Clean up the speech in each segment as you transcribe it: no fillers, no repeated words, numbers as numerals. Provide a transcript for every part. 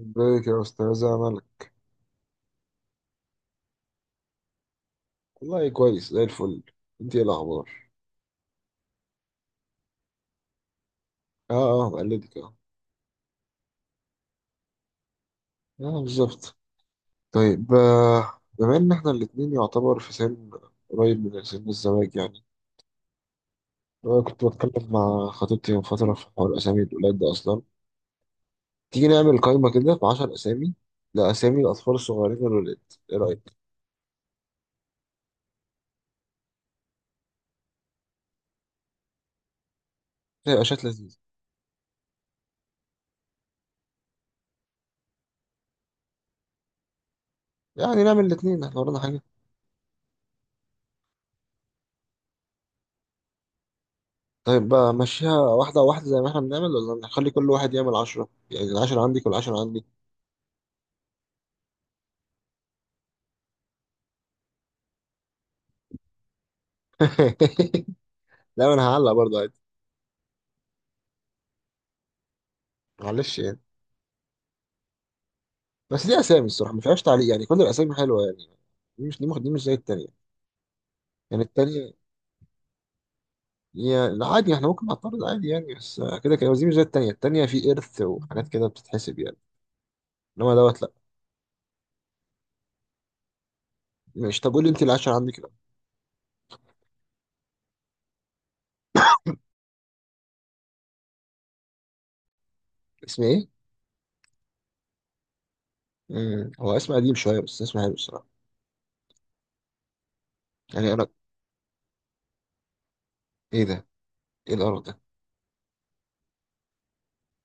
ازيك يا استاذة ملك. والله كويس زي الفل. انت ايه الاخبار؟ اه. اه بقلدك اه. اه بالظبط. طيب بما ان احنا الاتنين يعتبر في سن قريب من سن الزواج يعني. انا كنت بتكلم مع خطيبتي من فترة في حوار اسامي الولاد ده اصلا. تيجي نعمل قائمة كده في 10 اسامي لاسامي الاطفال الصغيرين الولاد. ايه رايك؟ هيبقى شكل لذيذ. يعني نعمل الاتنين احنا ورانا حاجة. طيب بقى مشيها واحدة واحدة زي ما احنا بنعمل ولا نخلي كل واحد يعمل عشرة، يعني العشرة عندك والعشرة عندي. لا انا هعلق برضه عادي. معلش يعني. بس دي اسامي الصراحه ما فيهاش تعليق، يعني كل الاسامي حلوه يعني. دي مش زي التانيه. يعني التانيه هي لا عادي احنا ممكن نعترض عادي يعني، بس كده كده. بس دي مش زي التانيه، التانيه في ارث وحاجات كده بتتحسب يعني. انما دوت لا. ماشي. طب قول لي انت العشرة عندك، لا. اسم ايه؟ امم، هو اسم قديم شويه بس اسم حلو الصراحه. يعني انا ايه ده؟ ايه القرف ده؟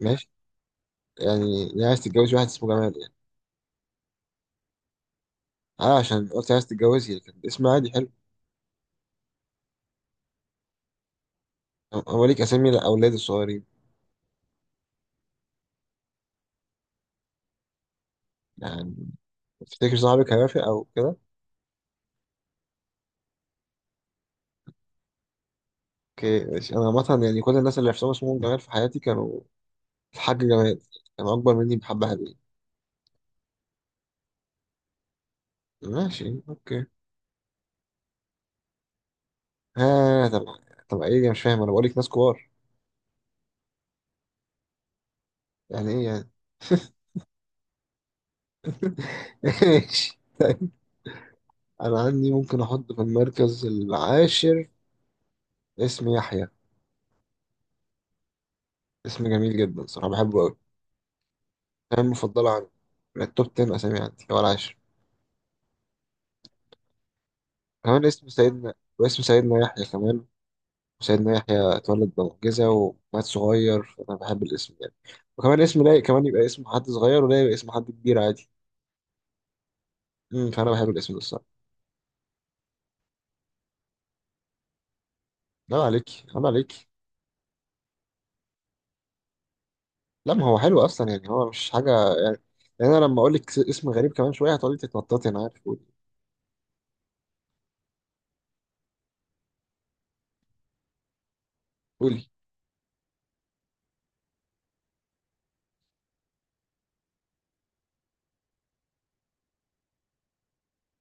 ماشي. يعني ليه عايز تتجوز واحد اسمه جمال يعني؟ اه عشان قلت عايز تتجوزي، لكن اسم عادي حلو. هو ليك اسامي الاولاد الصغيرين؟ يعني تفتكر صاحبك هيوافق او كده؟ اوكي ماشي. انا عامه يعني كل الناس اللي حسام اسمهم جمال في حياتي كانوا، الحاج جمال، كانوا اكبر مني بحبة حلوين. ماشي اوكي. ها طب، طب ايه؟ يا مش فاهم، انا بقولك ناس كبار. يعني ايه يعني؟ ماشي طيب. انا عندي ممكن احط في المركز العاشر اسم يحيى. اسم جميل جدا صراحه، بحبه قوي. كان مفضله عندي من التوب 10 اسامي عندي، هو العاشر. كمان اسم سيدنا، واسم سيدنا يحيى كمان. وسيدنا يحيى اتولد بمعجزة ومات صغير، فأنا بحب الاسم يعني. وكمان اسم لايق، كمان يبقى اسم حد صغير ولا يبقى اسم حد كبير عادي. امم، فأنا بحب الاسم ده الصراحة. لا عليك، لا عليك. لا ما هو حلو أصلا يعني، هو مش حاجة يعني. يعني أنا لما أقول لك اسم غريب كمان شوية هتقعدي تتنططي، أنا عارف. قولي. قولي.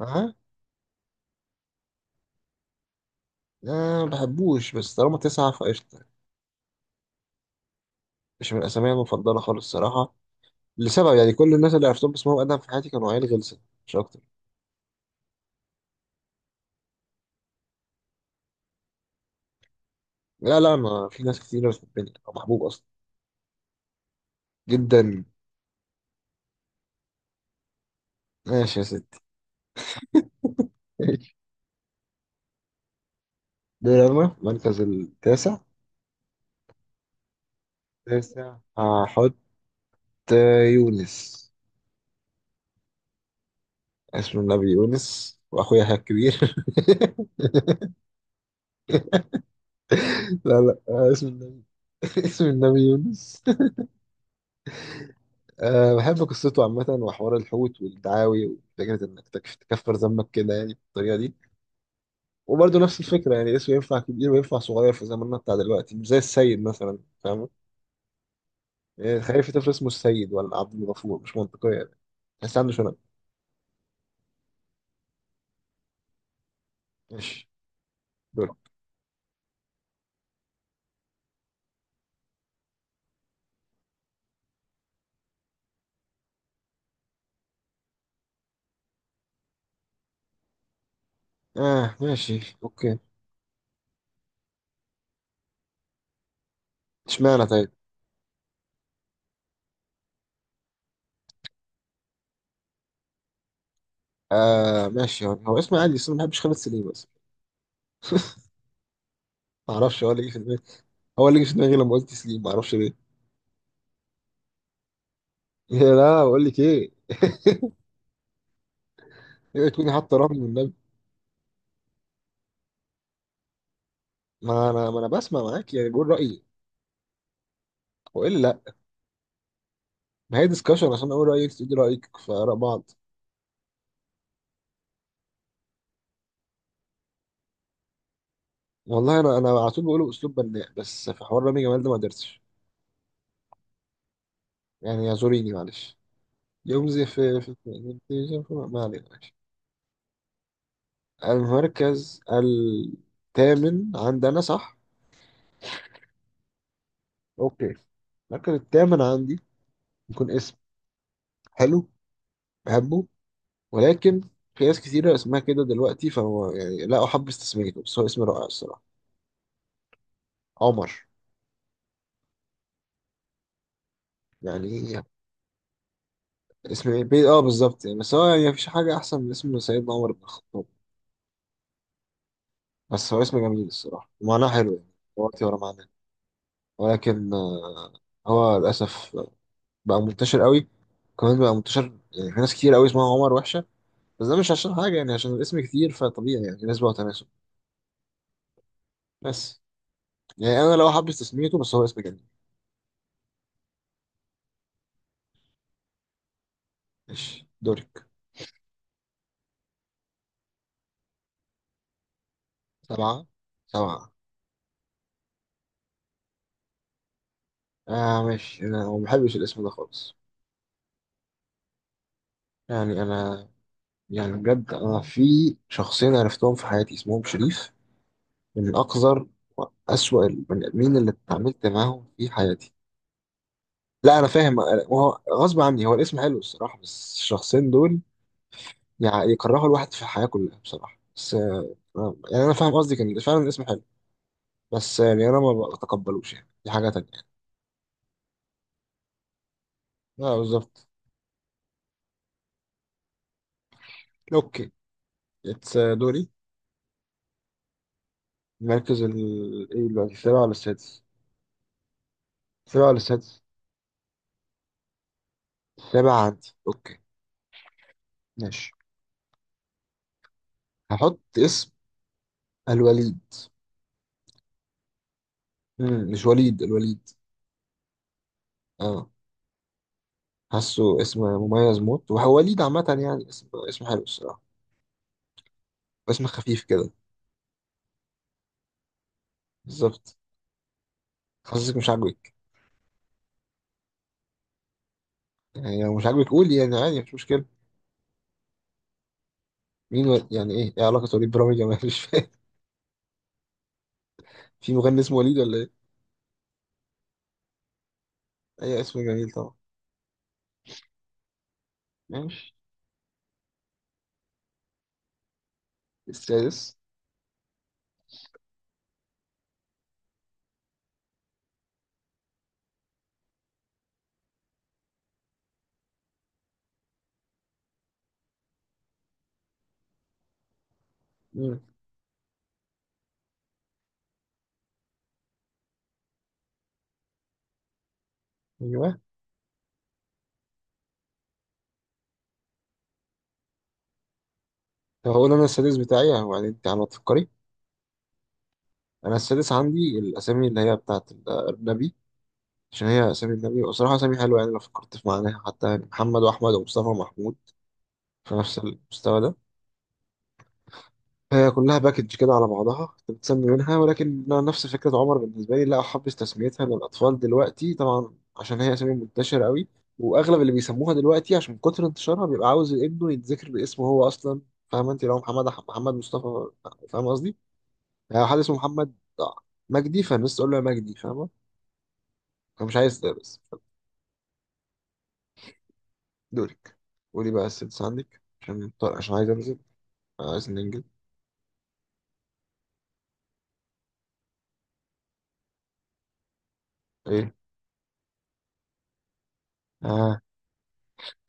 أه. أنا ما بحبوش، بس طالما تسعة فقشطة. مش من الأسامي المفضلة خالص الصراحة، لسبب. يعني كل الناس اللي عرفتهم باسمهم أدهم في حياتي كانوا عيال غلسة، مش أكتر. لا لا، أنا في ناس كتير بتحبني، أو محبوب أصلا. جدا. ماشي يا سيدي. ماشي. دوري أنا، المركز التاسع. تاسع هحط يونس. اسم النبي يونس، وأخويا الكبير. لا لا، اسم النبي. اسم النبي يونس. أه بحب قصته عامة، وحوار الحوت والدعاوي، وفكرة إنك تكفر ذنبك كده يعني بالطريقة دي. وبرضه نفس الفكرة، يعني اسمه ينفع كبير وينفع صغير في زماننا بتاع دلوقتي، مش زي السيد مثلا. فاهم؟ يعني تخيل في طفل اسمه السيد ولا عبد الغفور، مش منطقية يعني. بس عنده شنب. ماشي. اه ماشي اوكي. اشمعنى طيب؟ آه ماشي، هو اسمه عادي، بس أنا ما بحبش خالد سليم بس. ما اعرفش، هو اللي جه في دماغي. هو اللي جه في دماغي لما قلت سليم، ما اعرفش ليه. يا لا بقول لك ايه. اوعي تكوني حاطه رقم من النبي. ما انا بسمع معاك يعني بقول رايي. والا لا؟ ما هي ديسكشن عشان اقول رايك تقولي رايك في اراء بعض. والله انا على طول بقوله باسلوب بناء، بس في حوار رامي جمال ده ما قدرتش يعني. اعذريني معلش. يوم زي ما علينا. المركز الثامن عندنا صح؟ اوكي. المركز الثامن عندي يكون اسم حلو بحبه، ولكن في ناس كتيرة اسمها كده دلوقتي، فهو يعني لا أحبذ تسميته، بس هو اسم رائع الصراحة. عمر. يعني اسم اه بالظبط يعني. بس هو يعني مفيش حاجة أحسن من اسم سيدنا عمر بن الخطاب. بس هو اسم جميل الصراحة، ومعناه حلو يعني. دلوقتي ورا معناه. ولكن هو للأسف بقى منتشر قوي. كمان بقى منتشر، يعني في ناس كتير قوي اسمها عمر وحشة. بس ده مش عشان حاجة، يعني عشان الاسم كتير فطبيعي يعني، نسبة وتناسب. بس يعني أنا لو حابب تسميته، بس هو اسم جميل. ماشي دورك. سبعة، سبعة. آه ماشي، أنا ما بحبش الاسم ده خالص. يعني أنا يعني بجد أنا في شخصين عرفتهم في حياتي اسمهم شريف، من أقذر وأسوأ البني آدمين اللي اتعاملت معاهم في حياتي. لا أنا فاهم، وهو غصب عني، هو الاسم حلو الصراحة، بس الشخصين دول يعني يكرهوا الواحد في الحياة كلها بصراحة. بس يعني أنا فاهم قصدي، كان فعلا الاسم حلو، بس يعني انا ما بتقبلوش يعني، دي حاجه تانية يعني. اه بالظبط. اوكي. اتس دوري. المركز ال، ايه دلوقتي السابع ولا السادس؟ السابع ولا السادس؟ السابع عندي اوكي. ماشي. هحط اسم الوليد. مم. مش وليد، الوليد. اه. حاسه اسم مميز موت، وهو وليد عامه يعني. اسم حلو الصراحه. اسم خفيف كده. بالظبط. حاسسك مش عاجبك. يعني لو مش عاجبك قولي يعني عادي، مش مشكله. يعني ايه، ايه علاقه وليد برامج جمال؟ مش فاهم. في مغني اسمه وليد ولا ايه؟ اي اسم جميل طبعا. ماشي. السادس. مم. ايوه. طب هقول انا السادس بتاعي يعني، انت على ما تفكري. انا السادس عندي الاسامي اللي هي بتاعت النبي. عشان هي اسامي النبي، وصراحه اسامي حلوه يعني لو فكرت في معناها حتى. يعني محمد واحمد ومصطفى ومحمود في نفس المستوى ده. هي كلها باكج كده على بعضها بتتسمي منها. ولكن نفس فكرة عمر بالنسبة لي، لا أحبذ تسميتها للأطفال دلوقتي طبعا، عشان هي أسامي منتشرة قوي. وأغلب اللي بيسموها دلوقتي عشان من كتر انتشارها بيبقى عاوز ابنه يتذكر باسمه هو أصلا. فاهمة؟ أنت لو محمد محمد مصطفى، فاهمة قصدي؟ يعني حد اسمه محمد مجدي فالناس تقول له يا مجدي، فاهمة؟ أنا مش عايز ده بس. دورك. قولي بقى السادس عندك، عشان عايز أنزل. عايز ننجل. إيه؟ آه.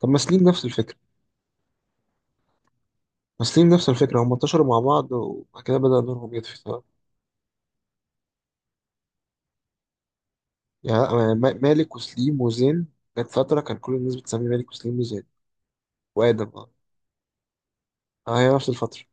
طب ما سليم نفس الفكرة. وسليم نفس الفكرة، هم انتشروا مع بعض وبعد كده بدأ نورهم يطفي طبعا. يعني مالك وسليم وزين. كانت فترة كان كل الناس بتسمي مالك وسليم وزين. وآدم اه. آه، هي نفس الفترة.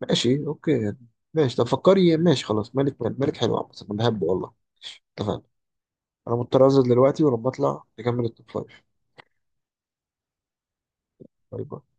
ماشي اوكي يعني. ماشي طب فكري. ماشي خلاص، مالك مالك مالك، حلو عامة انا بحبه والله. ماشي اتفقنا. انا مضطر انزل دلوقتي ولما اطلع نكمل التوب فايف. باي باي.